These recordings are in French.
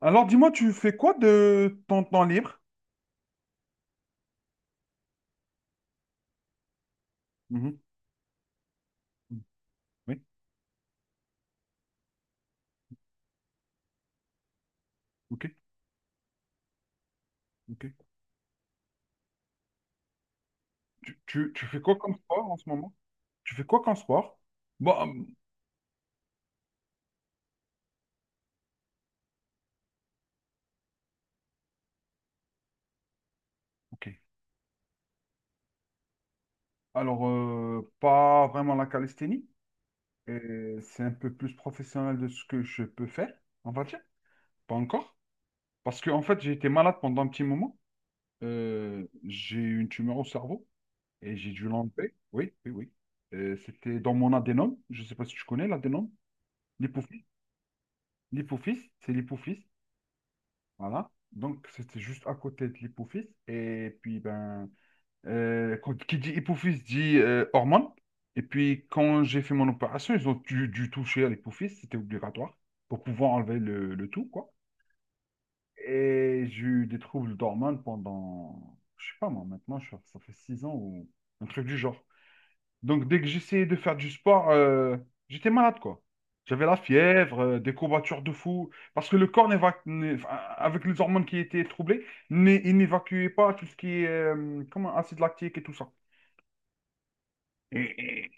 Alors, dis-moi, tu fais quoi de ton temps libre? Mhm. Mhm. Oui, ok, ok. Tu fais quoi comme sport en ce moment? Tu fais quoi comme sport? Bon, ok. Alors, pas vraiment la calisthénie. Et c'est un peu plus professionnel de ce que je peux faire, on va dire. Pas encore. Parce que, en fait, j'ai été malade pendant un petit moment. J'ai eu une tumeur au cerveau et j'ai dû l'enlever. Oui, oui, oui. C'était dans mon adénome. Je ne sais pas si tu connais l'adénome. L'hypophyse. L'hypophyse, c'est l'hypophyse. Voilà. Donc, c'était juste à côté de l'hypophyse. Et puis, ben, qui dit hypophyse dit hormone. Et puis, quand j'ai fait mon opération, ils ont dû toucher à l'hypophyse. C'était obligatoire pour pouvoir enlever le tout, quoi. Et j'ai eu des troubles d'hormones pendant, je sais pas moi, maintenant, ça fait 6 ans ou un truc du genre. Donc, dès que j'essayais de faire du sport, j'étais malade, quoi. J'avais la fièvre, des courbatures de fou, parce que le corps, enfin, avec les hormones qui étaient troublées, il n'évacuait pas tout ce qui est comment, acide lactique et tout ça. Et, et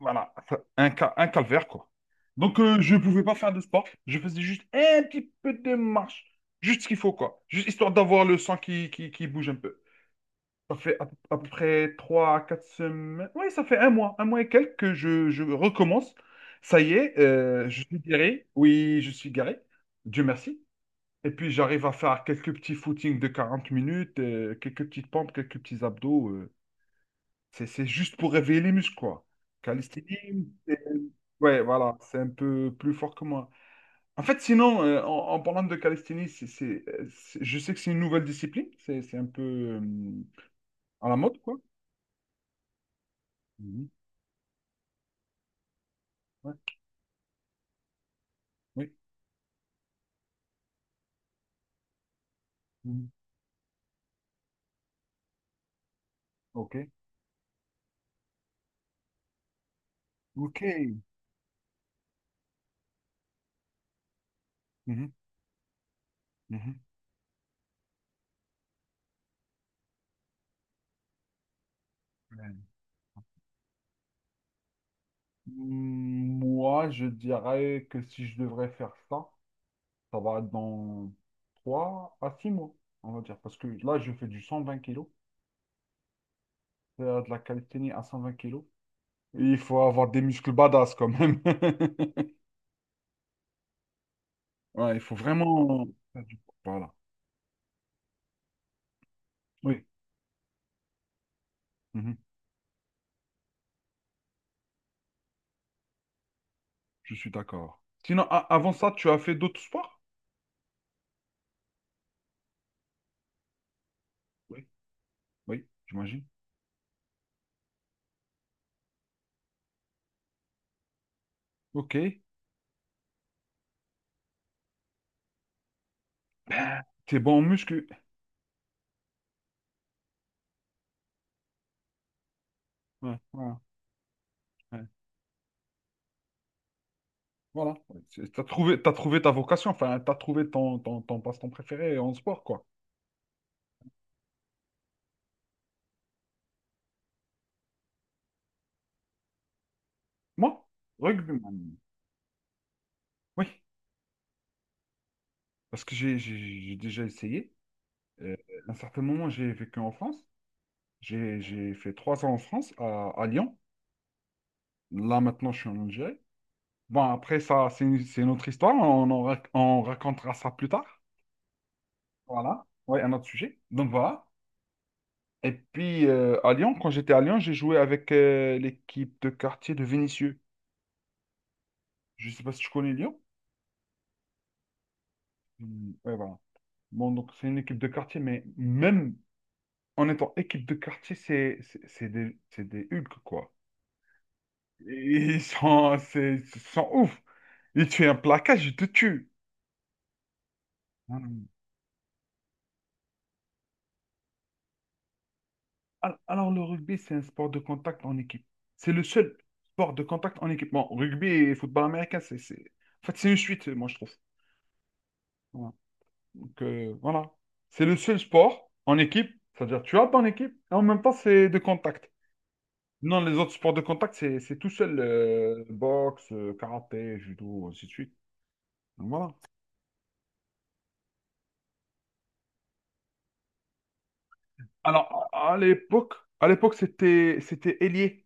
voilà, un calvaire, quoi. Donc, je ne pouvais pas faire de sport. Je faisais juste un petit peu de marche, juste ce qu'il faut, quoi. Juste histoire d'avoir le sang qui bouge un peu. Ça fait à peu près 3 à 4 semaines. Oui, ça fait un mois et quelques que je recommence. Ça y est, je suis guéri. Oui, je suis guéri. Dieu merci. Et puis j'arrive à faire quelques petits footings de 40 minutes, quelques petites pompes, quelques petits abdos. C'est juste pour réveiller les muscles, quoi. Calisthénie, c'est- ouais, voilà, c'est un peu plus fort que moi. En fait, sinon, en parlant de calisthénie, je sais que c'est une nouvelle discipline. C'est un peu à la mode, quoi. Mhm. Oui. Mhm. Ok. Ok. Mhm. Mhm. Ouais. Mm, moi, je dirais que si je devrais faire ça, ça va être dans 3 à 6 mois, on va dire. Parce que là, je fais du 120 kilos, faire de la calisthénie à 120 kilos. Et il faut avoir des muscles badass quand même. Ouais, il faut vraiment faire du poids. Voilà. Oui, mhm. Je suis d'accord. Sinon, avant ça, tu as fait d'autres sports? Oui. Oui, j'imagine. Ok. T'es bon en muscu. Ouais, ouais, ouais. Voilà. T'as trouvé ta vocation, enfin, t'as trouvé ton passe-temps préféré en sport, quoi. Moi, rugbyman. Oui, parce que j'ai déjà essayé. Euh, à un certain moment, j'ai vécu en France. J'ai fait 3 ans en France, à Lyon. Là, maintenant, je suis en Algérie. Bon, après, ça, c'est une autre histoire. On racontera ça plus tard. Voilà. Ouais, un autre sujet. Donc, voilà. Et puis, à Lyon, quand j'étais à Lyon, j'ai joué avec l'équipe de quartier de Vénissieux. Je ne sais pas si tu connais Lyon. Mm, ouais, voilà. Bon, donc c'est une équipe de quartier, mais même en étant équipe de quartier, c'est des Hulk, quoi. Ils sont ouf. Ils tuent un placage, ils te tuent. Mm. Alors, le rugby, c'est un sport de contact en équipe. C'est le seul sport de contact en équipe. Bon, rugby et football américain. En fait, c'est une suite, moi, je trouve. Voilà. Donc, voilà. C'est le seul sport en équipe, c'est-à-dire tu as ton équipe, et en même temps, c'est de contact. Non, les autres sports de contact, c'est tout seul. Boxe, karaté, judo, ainsi de suite. Donc, voilà. Alors, à l'époque, c'était ailier.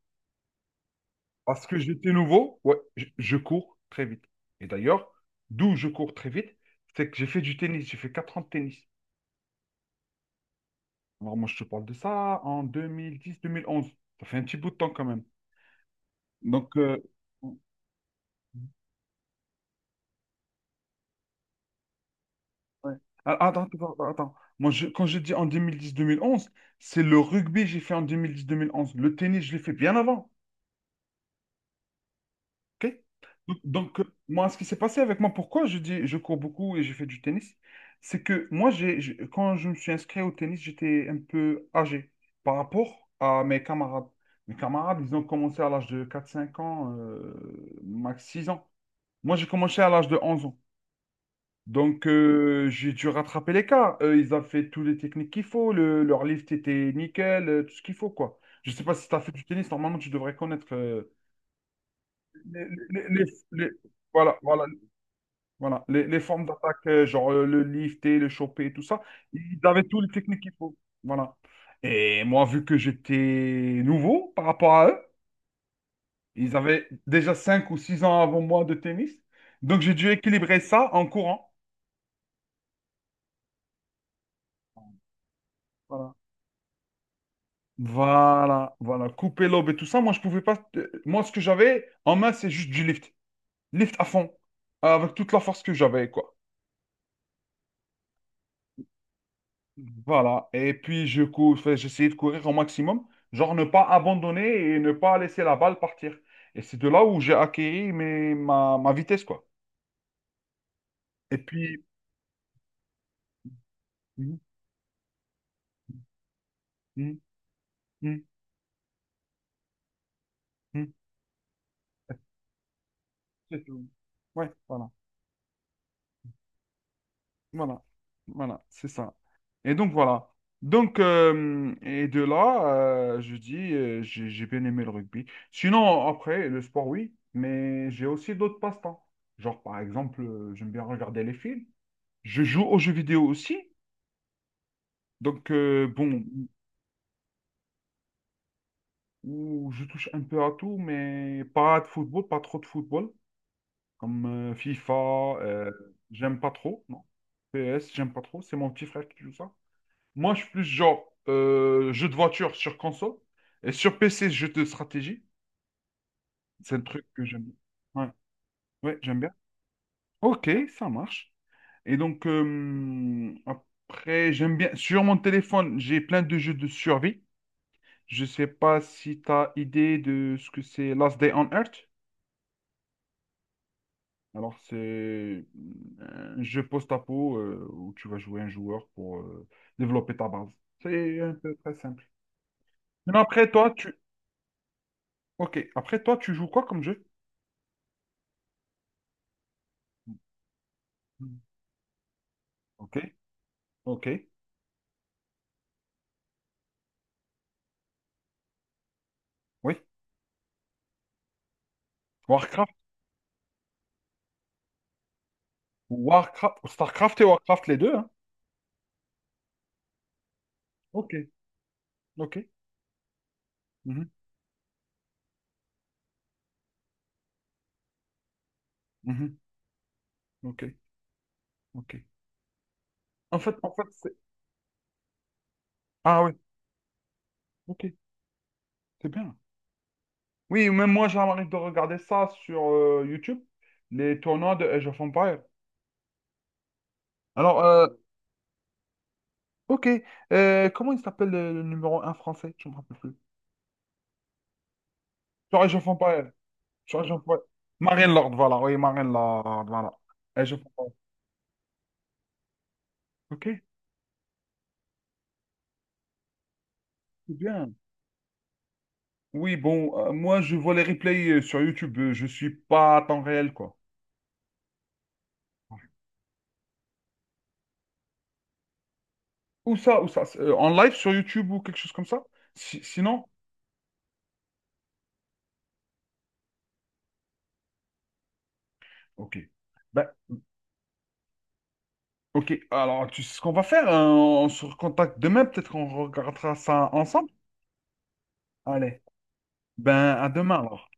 Parce que j'étais nouveau, ouais, je cours très vite. Et d'ailleurs, d'où je cours très vite, c'est que j'ai fait du tennis. J'ai fait 4 ans de tennis. Alors, moi, je te parle de ça en 2010-2011. Ça fait un petit bout de temps quand même. Donc, ouais. Ah, attends, attends, attends, attends. Moi, quand je dis en deux mille dix, mille onze, c'est le rugby que j'ai fait en deux mille dix, mille onze. Le tennis, je l'ai fait bien avant. Ok. Donc, moi, ce qui s'est passé avec moi, pourquoi je dis je cours beaucoup et j'ai fait du tennis, c'est que moi, quand je me suis inscrit au tennis, j'étais un peu âgé par rapport à mes camarades. Mes camarades, ils ont commencé à l'âge de 4, 5 ans, max 6 ans. Moi, j'ai commencé à l'âge de 11 ans. Donc, j'ai dû rattraper l'écart. Ils ont fait toutes les techniques qu'il faut. Leur lift était nickel, tout ce qu'il faut, quoi. Je sais pas si tu as fait du tennis. Normalement, tu devrais connaître les, les- les- les- voilà, voilà, voilà, les formes d'attaque, genre le lifter, le choper, tout ça. Ils avaient toutes les techniques qu'il faut. Voilà. Et moi, vu que j'étais nouveau par rapport à eux, ils avaient déjà 5 ou 6 ans avant moi de tennis. Donc, j'ai dû équilibrer ça en courant. Voilà. Voilà, voilà, couper l'aube et tout ça. Moi, je pouvais pas. Moi, ce que j'avais en main, c'est juste du lift. Lift à fond, avec toute la force que j'avais, quoi. Voilà. Et puis, enfin, j'essayais de courir au maximum, genre ne pas abandonner et ne pas laisser la balle partir. Et c'est de là où j'ai acquis ma vitesse, quoi. Et puis, mhm, mhm, mhm, mhm. C'est tout. Ouais, voilà, voilà, voilà, c'est ça. Et donc voilà. Donc, et de là, je dis, j'ai bien aimé le rugby. Sinon, après, le sport, oui, mais j'ai aussi d'autres passe-temps. Genre, par exemple, j'aime bien regarder les films. Je joue aux jeux vidéo aussi. Donc, bon, où je touche un peu à tout, mais pas de football, pas trop de football. Comme FIFA, euh, j'aime pas trop, non. PS, j'aime pas trop. C'est mon petit frère qui joue ça. Moi, je suis plus genre jeu de voiture sur console. Et sur PC, jeu de stratégie. C'est un truc que j'aime bien. Ouais, ouais, j'aime bien. Ok, ça marche. Et donc, après, j'aime bien. Sur mon téléphone, j'ai plein de jeux de survie. Je sais pas si tu as idée de ce que c'est Last Day on Earth. Alors, c'est un jeu post-apo où tu vas jouer un joueur pour développer ta base. C'est un peu très simple. Mais après, toi, tu... Ok, après, toi, tu joues quoi comme jeu? Mhm. Ok, ok, oui. Warcraft, Warcraft, Starcraft et Warcraft, les deux, hein. Ok, ok. Mhm, mhm, ok, ok. En fait, c'est... Ah oui, ok, c'est bien. Oui, même moi, j'arrive de regarder ça sur YouTube, les tournois de Age of Empires. Alors, ok, comment il s'appelle le numéro 1 français? Je ne me rappelle plus. Sur Age of Empires, sur Age of Empires. Marine Lord, voilà, oui, Marine Lord, voilà. Age of Empires. Ok, c'est bien. Oui, bon, moi je vois les replays sur YouTube, je suis pas à temps réel, quoi. Où ça, où ça? C'est, en live sur YouTube ou quelque chose comme ça? Sinon? Ok. Ben, ok. Alors, tu sais ce qu'on va faire? Hein, on se recontacte demain, peut-être qu'on regardera ça ensemble. Allez. Ben, à demain alors.